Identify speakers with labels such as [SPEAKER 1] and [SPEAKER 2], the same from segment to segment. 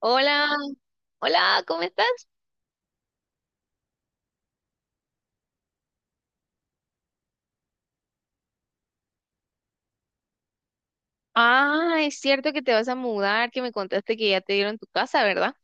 [SPEAKER 1] Hola, hola, ¿cómo estás? Ah, es cierto que te vas a mudar, que me contaste que ya te dieron tu casa, ¿verdad?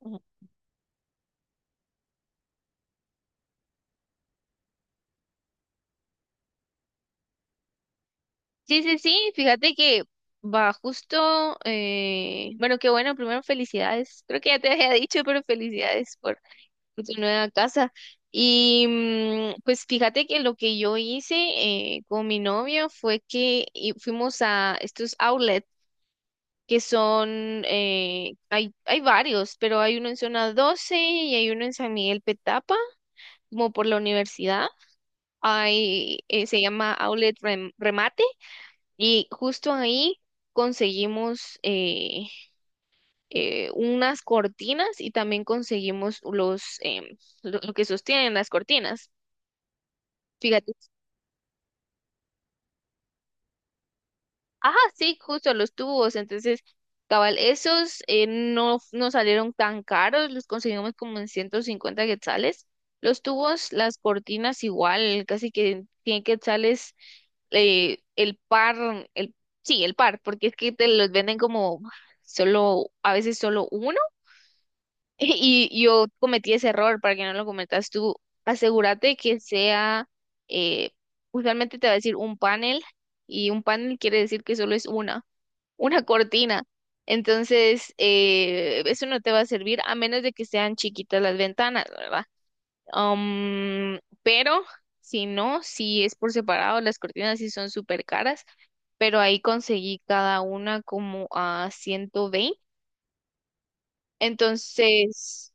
[SPEAKER 1] Ujú. Sí, sí, sí, fíjate que va justo, bueno, qué bueno, primero felicidades, creo que ya te había dicho, pero felicidades por tu nueva casa. Y pues fíjate que lo que yo hice con mi novio fue que fuimos a estos outlets. Que son, hay varios, pero hay uno en Zona 12 y hay uno en San Miguel Petapa, como por la universidad. Hay, se llama Outlet Remate, y justo ahí conseguimos unas cortinas y también conseguimos lo que sostienen las cortinas. Fíjate. Ajá, sí, justo los tubos. Entonces, cabal, esos no salieron tan caros, los conseguimos como en 150 quetzales. Los tubos, las cortinas igual, casi que 100 quetzales, el par, sí, el par, porque es que te los venden como solo, a veces solo uno. Y yo cometí ese error, para que no lo cometas tú, asegúrate que sea, eh, usualmente te va a decir un panel, y un panel quiere decir que solo es una cortina. Entonces, eso no te va a servir a menos de que sean chiquitas las ventanas, ¿verdad? Pero si no, si es por separado, las cortinas sí son súper caras, pero ahí conseguí cada una como a 120. Entonces,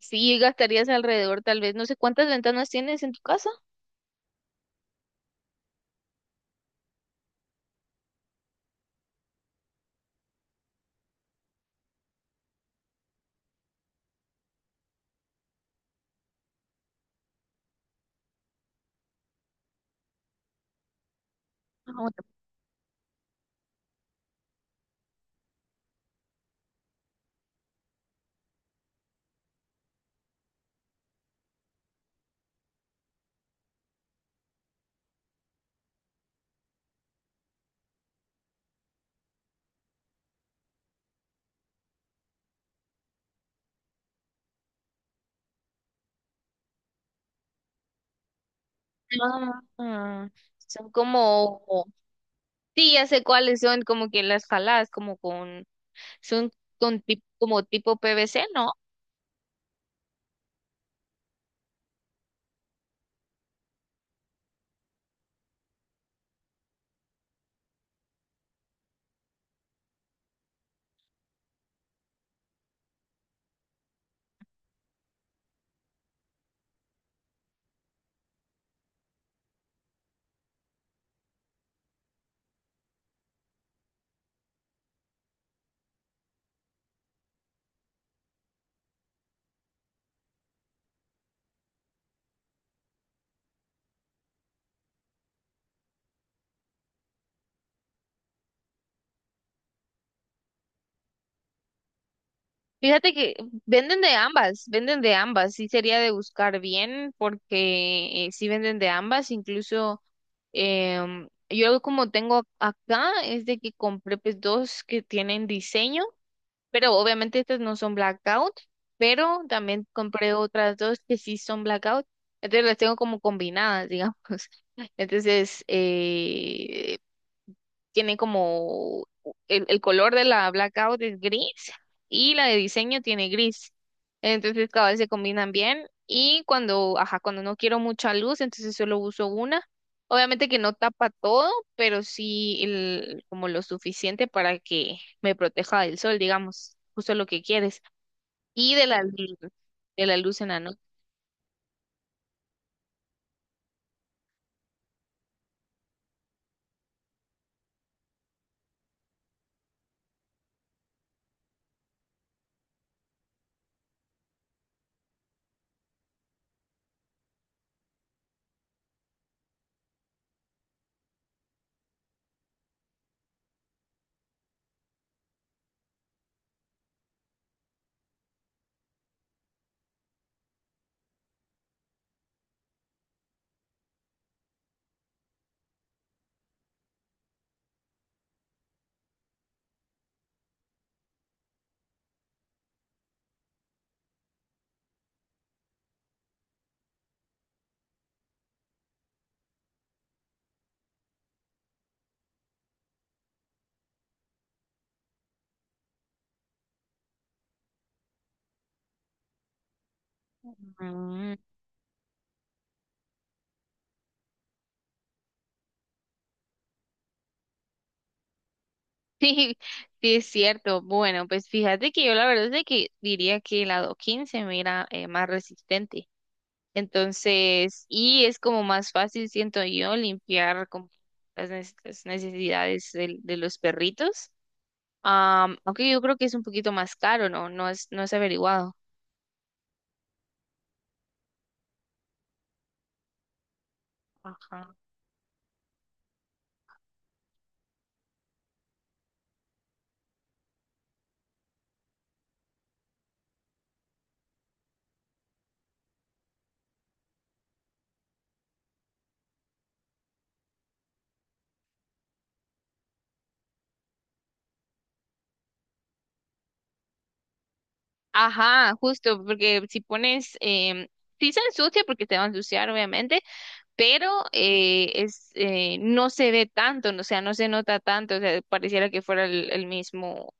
[SPEAKER 1] sí gastarías alrededor, tal vez, no sé cuántas ventanas tienes en tu casa. Ah, bueno. Ah, son como, sí, ya sé cuáles son, como que las jaladas, como con Son como tipo PVC, ¿no? Fíjate que venden de ambas, venden de ambas. Sí sería de buscar bien porque sí venden de ambas. Incluso yo como tengo acá es de que compré pues dos que tienen diseño, pero obviamente estas no son blackout, pero también compré otras dos que sí son blackout. Entonces las tengo como combinadas, digamos. Entonces, tiene como el color de la blackout es gris y la de diseño tiene gris. Entonces cada vez se combinan bien y cuando, ajá, cuando no quiero mucha luz, entonces solo uso una. Obviamente que no tapa todo, pero sí como lo suficiente para que me proteja del sol, digamos, justo lo que quieres. Y de la luz en la noche. Sí, sí es cierto. Bueno, pues fíjate que yo la verdad es de que diría que el lado 15 me era más resistente. Entonces, y es como más fácil, siento yo, limpiar como las necesidades de los perritos. Aunque yo creo que es un poquito más caro, ¿no? No es averiguado. Ajá. Ajá, justo, porque si pones, sí se ensucia porque te va a ensuciar, obviamente, pero no se ve tanto, no, o sea, no se nota tanto, o sea, pareciera que fuera el mismo,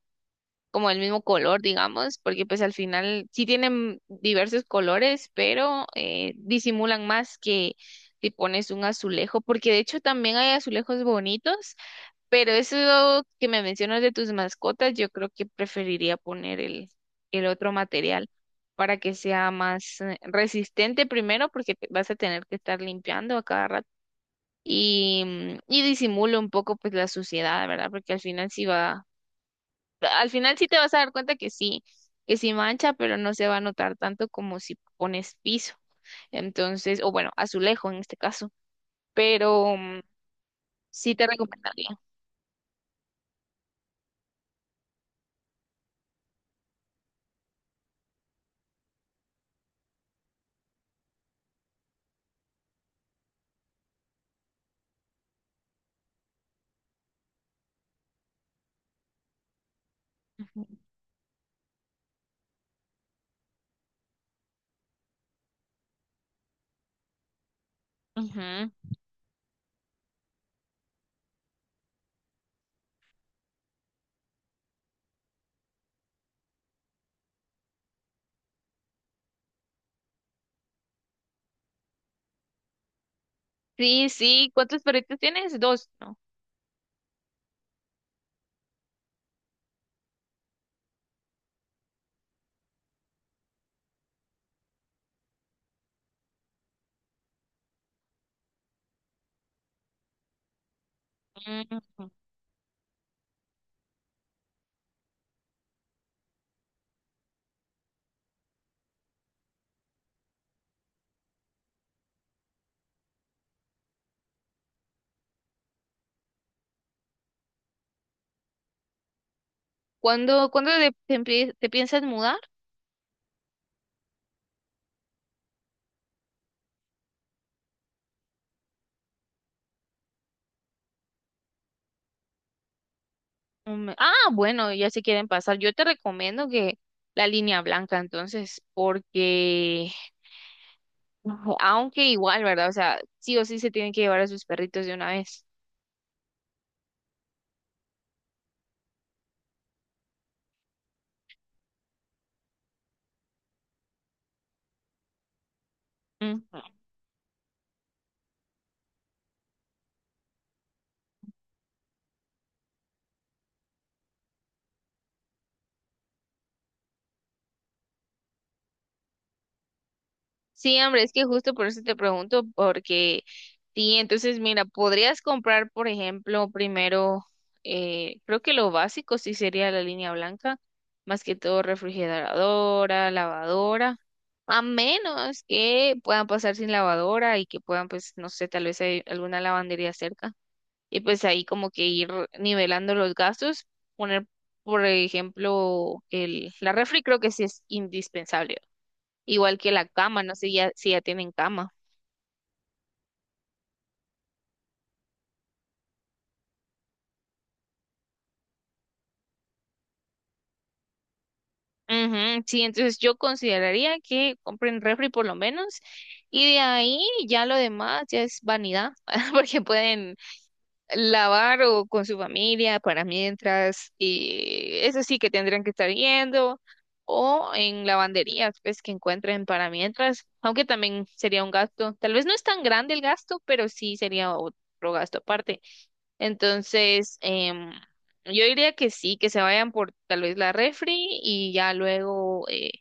[SPEAKER 1] como el mismo color, digamos, porque pues al final sí tienen diversos colores, pero disimulan más que si pones un azulejo, porque de hecho también hay azulejos bonitos, pero eso que me mencionas de tus mascotas, yo creo que preferiría poner el otro material. Para que sea más resistente primero, porque vas a tener que estar limpiando a cada rato y disimula un poco pues la suciedad, ¿verdad? Porque al final sí te vas a dar cuenta que sí mancha, pero no se va a notar tanto como si pones piso. Entonces, o bueno, azulejo en este caso, pero sí te recomendaría. Ujú. Ujú. Sí, sí, ¿cuántos perritos tienes? Dos, ¿no? Ujú. ¿Cuándo te piensas mudar? Ah, bueno, ya se quieren pasar. Yo te recomiendo que la línea blanca, entonces, porque. Ujú. Aunque igual, ¿verdad? O sea, sí o sí se tienen que llevar a sus perritos de una vez. Ujú. Sí, hombre, es que justo por eso te pregunto, porque sí, entonces mira, podrías comprar, por ejemplo, primero, creo que lo básico sí sería la línea blanca, más que todo refrigeradora, lavadora, a menos que puedan pasar sin lavadora y que puedan, pues, no sé, tal vez hay alguna lavandería cerca. Y pues ahí como que ir nivelando los gastos, poner, por ejemplo, la refri creo que sí es indispensable, igual que la cama, no sé ya, si ya tienen cama. Ujú, sí, entonces yo consideraría que compren refri por lo menos y de ahí ya lo demás ya es vanidad, porque pueden lavar o con su familia para mientras, y eso sí que tendrán que estar yendo, o en lavanderías, pues que encuentren para mientras, aunque también sería un gasto, tal vez no es tan grande el gasto, pero sí sería otro gasto aparte. Entonces, yo diría que sí, que se vayan por tal vez la refri y ya luego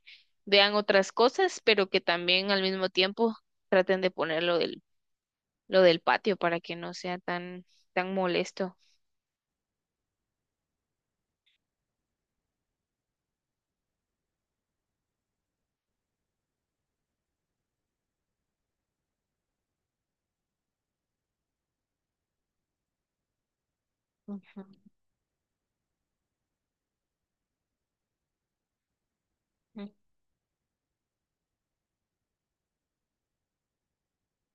[SPEAKER 1] vean otras cosas, pero que también al mismo tiempo traten de poner lo del patio para que no sea tan, tan molesto. Ujú, ujú.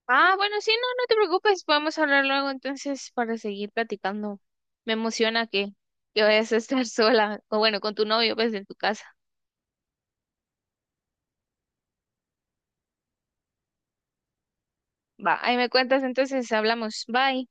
[SPEAKER 1] Ah, bueno, sí, no, no te preocupes, podemos hablar luego entonces para seguir platicando. Me emociona que vayas a estar sola, o bueno, con tu novio, pues en tu casa. Va, ahí me cuentas entonces, hablamos. Bye.